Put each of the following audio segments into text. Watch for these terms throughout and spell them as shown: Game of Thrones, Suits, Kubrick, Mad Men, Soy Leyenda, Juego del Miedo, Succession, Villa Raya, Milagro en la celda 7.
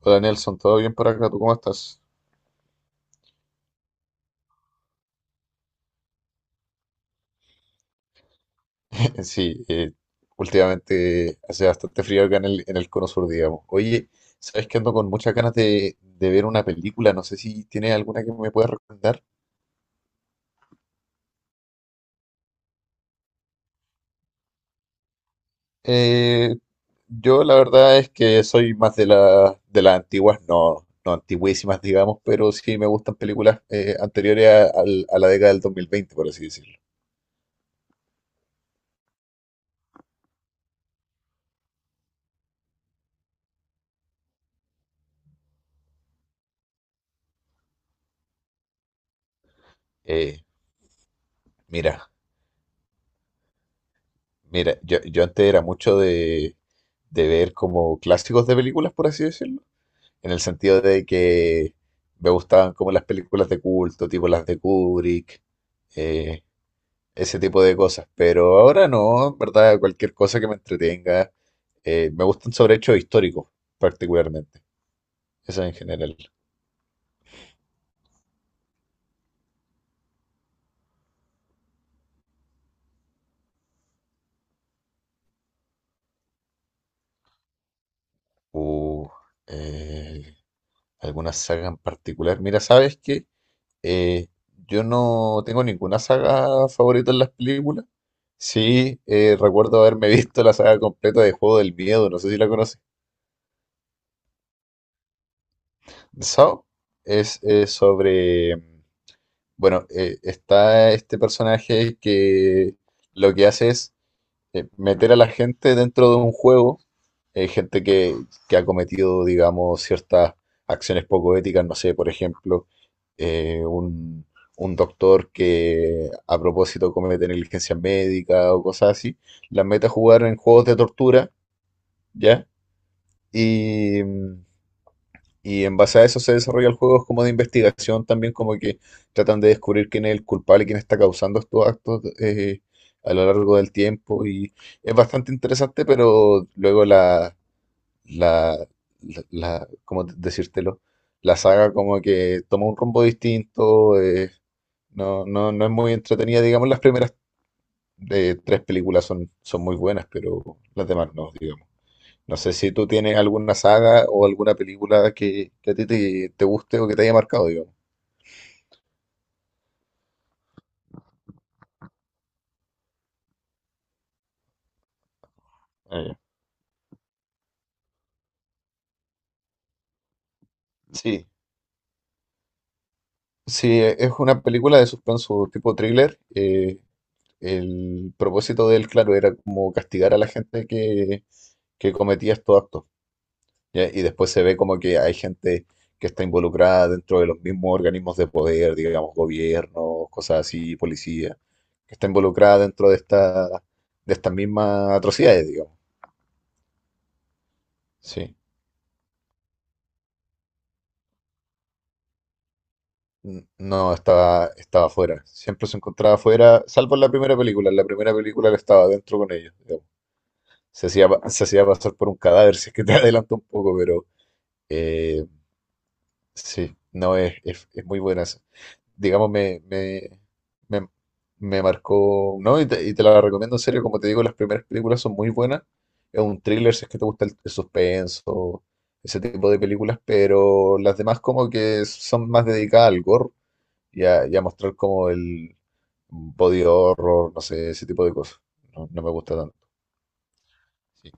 Hola Nelson, ¿todo bien por acá? ¿Tú cómo estás? Sí, últimamente hace bastante frío acá en el cono sur, digamos. Oye, ¿sabes que ando con muchas ganas de ver una película? No sé si tienes alguna que me puedas recomendar. Eh, yo la verdad es que soy más de las antiguas, no, no antiguísimas, digamos, pero sí me gustan películas anteriores a la década del 2020, por así decirlo. Eh, mira, yo antes era mucho de ver como clásicos de películas, por así decirlo, en el sentido de que me gustaban como las películas de culto, tipo las de Kubrick, eh, ese tipo de cosas. Pero ahora no, en verdad, cualquier cosa que me entretenga. Me gustan sobre hechos históricos, particularmente. Eso en general. Uh, eh, ¿Alguna saga en particular? Mira, ¿sabes qué? Eh, yo no tengo ninguna saga favorita en las películas. Sí, recuerdo haberme visto la saga completa de Juego del Miedo, no sé si la conoces. so es sobre, bueno, está este personaje que lo que hace es meter a la gente dentro de un juego, gente que ha cometido, digamos, ciertas acciones poco éticas. No sé, por ejemplo, eh, un, un doctor que a propósito comete negligencia médica o cosas así, las mete a jugar en juegos de tortura, ¿ya? Y, mm, y en base a eso se desarrollan juegos como de investigación también, como que tratan de descubrir quién es el culpable, quién está causando estos actos a lo largo del tiempo. Y es bastante interesante, pero luego la, ¿cómo decírtelo? La saga como que toma un rumbo distinto, no, no, no es muy entretenida, digamos. Las primeras tres películas son, son muy buenas, pero las demás no, digamos. No sé si tú tienes alguna saga o alguna película que a ti te guste o que te haya marcado, digamos. Ah, ya. Sí, sí, es una película de suspenso tipo thriller. El propósito de él, claro, era como castigar a la gente que cometía estos actos. ¿Ya? Y después se ve como que hay gente que está involucrada dentro de los mismos organismos de poder, digamos, gobiernos, cosas así, policía, que está involucrada dentro de de estas mismas atrocidades, digamos. Sí. No, estaba, estaba afuera. Siempre se encontraba afuera, salvo en la primera película. En la primera película él estaba adentro con ellos, digamos. Se hacía pasar por un cadáver, si es que te adelanto un poco, pero eh, sí, no, es muy buena, esa. Digamos, me, me marcó, ¿no? Y te la recomiendo en serio, como te digo, las primeras películas son muy buenas. Es un thriller, si es que te gusta el suspenso, ese tipo de películas, pero las demás como que son más dedicadas al gore y y a mostrar como el body horror, no sé, ese tipo de cosas. No, no me gusta tanto. Sí,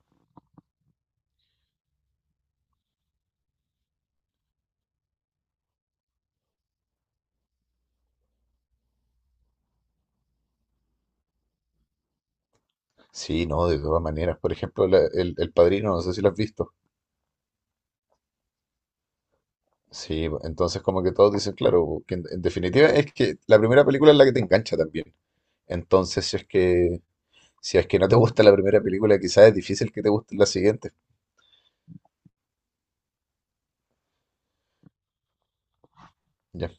sí, no, de todas maneras. Por ejemplo, el Padrino, no sé si lo has visto. Sí, pues, entonces como que todos dicen, claro, que en definitiva es que la primera película es la que te engancha también. Entonces, si es que no te gusta la primera película, quizás es difícil que te guste la siguiente. Ya,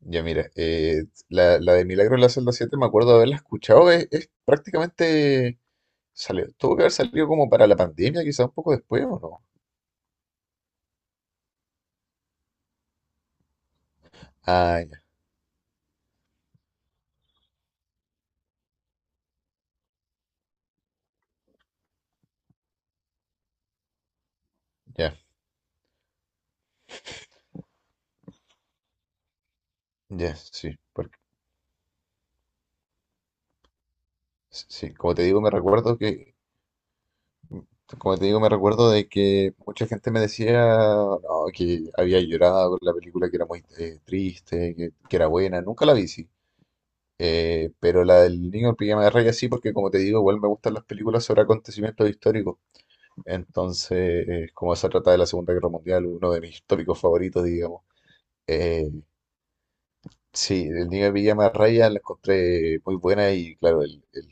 ya mira, la de Milagro en la celda 7 me acuerdo de haberla escuchado, es prácticamente... Salió, tuvo que haber salido como para la pandemia, quizás un poco después, ¿o no? Ah, ya, ya, ya, sí, porque, sí, como te digo, me recuerdo que, como te digo, me recuerdo de que mucha gente me decía, no, que había llorado por la película, que era muy triste, que era buena, nunca la vi, sí. Pero la del niño en pijama de rayas sí, porque como te digo, igual me gustan las películas sobre acontecimientos históricos, entonces, como se trata de la Segunda Guerra Mundial, uno de mis tópicos favoritos, digamos. eh, Sí, el niño de Villa Raya la encontré muy buena y claro,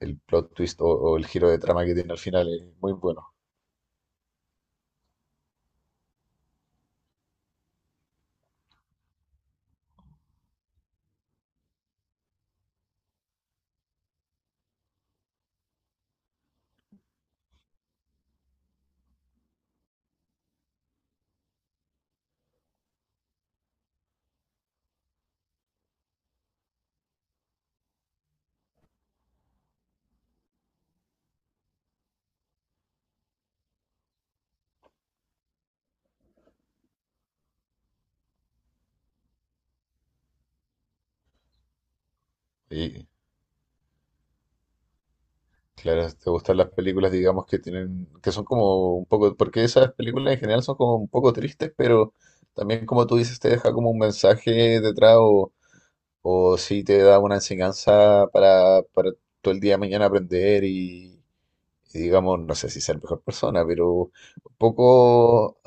el plot twist o el giro de trama que tiene al final es muy bueno. Y claro, si te gustan las películas, digamos, que tienen, que son como un poco, porque esas películas en general son como un poco tristes, pero también como tú dices, te deja como un mensaje detrás o sí te da una enseñanza para todo el día de mañana aprender y digamos, no sé si ser mejor persona, pero un poco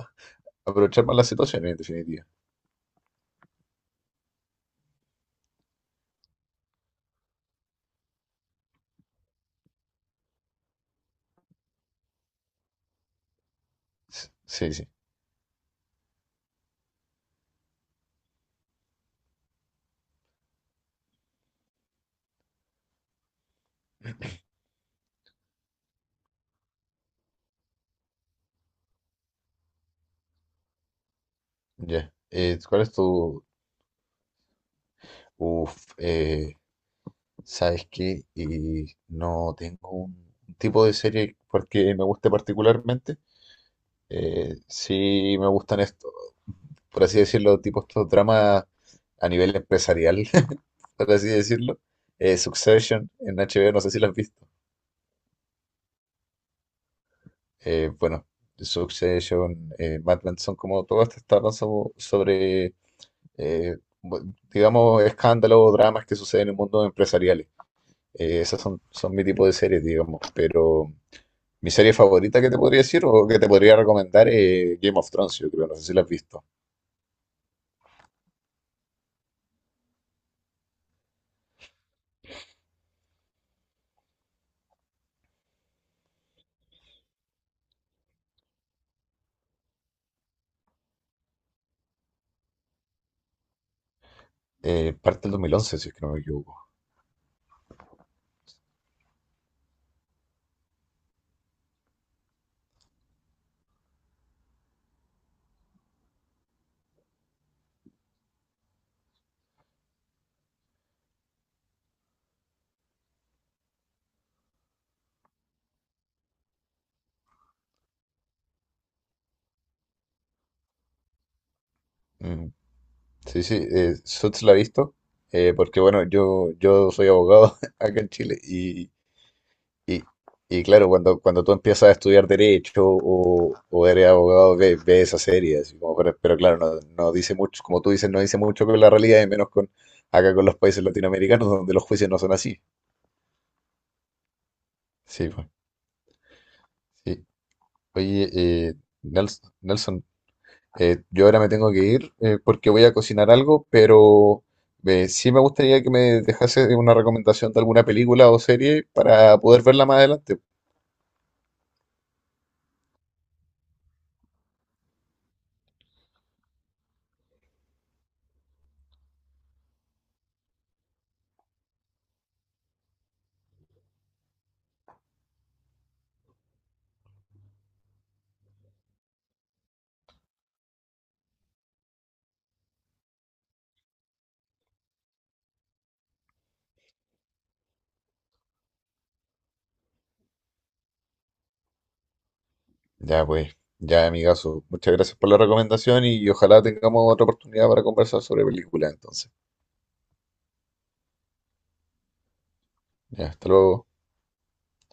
aprovechar más las situaciones en definitiva. Sí, sí, ya. ¿Cuál es tu... Uf, eh, ¿sabes qué? Y no tengo un tipo de serie porque me guste particularmente. Sí me gustan estos, por así decirlo, tipo estos dramas a nivel empresarial, por así decirlo. Succession en HBO, no sé si lo has visto. Eh, bueno, Succession, Mad Men son como todas estas tramas sobre eh, digamos, escándalos o dramas que suceden en el mundo empresarial. Esas son, son mi tipo de series, digamos. Pero mi serie favorita que te podría decir o que te podría recomendar es Game of Thrones, yo creo, no sé si la has visto. Parte del 2011 si es que no me equivoco. Mm, sí, sí, Suits la he visto. Porque bueno, yo soy abogado acá en Chile. Y, y claro, cuando tú empiezas a estudiar derecho o eres abogado, ves esa serie, así como, pero claro, no, no dice mucho, como tú dices, no dice mucho con la realidad, y menos con acá con los países latinoamericanos, donde los juicios no son así. Sí, pues, sí. Oye, Nelson, yo ahora me tengo que ir, porque voy a cocinar algo, pero sí me gustaría que me dejase una recomendación de alguna película o serie para poder verla más adelante. Ya pues, ya amigazo, muchas gracias por la recomendación y ojalá tengamos otra oportunidad para conversar sobre películas entonces. Ya, hasta luego.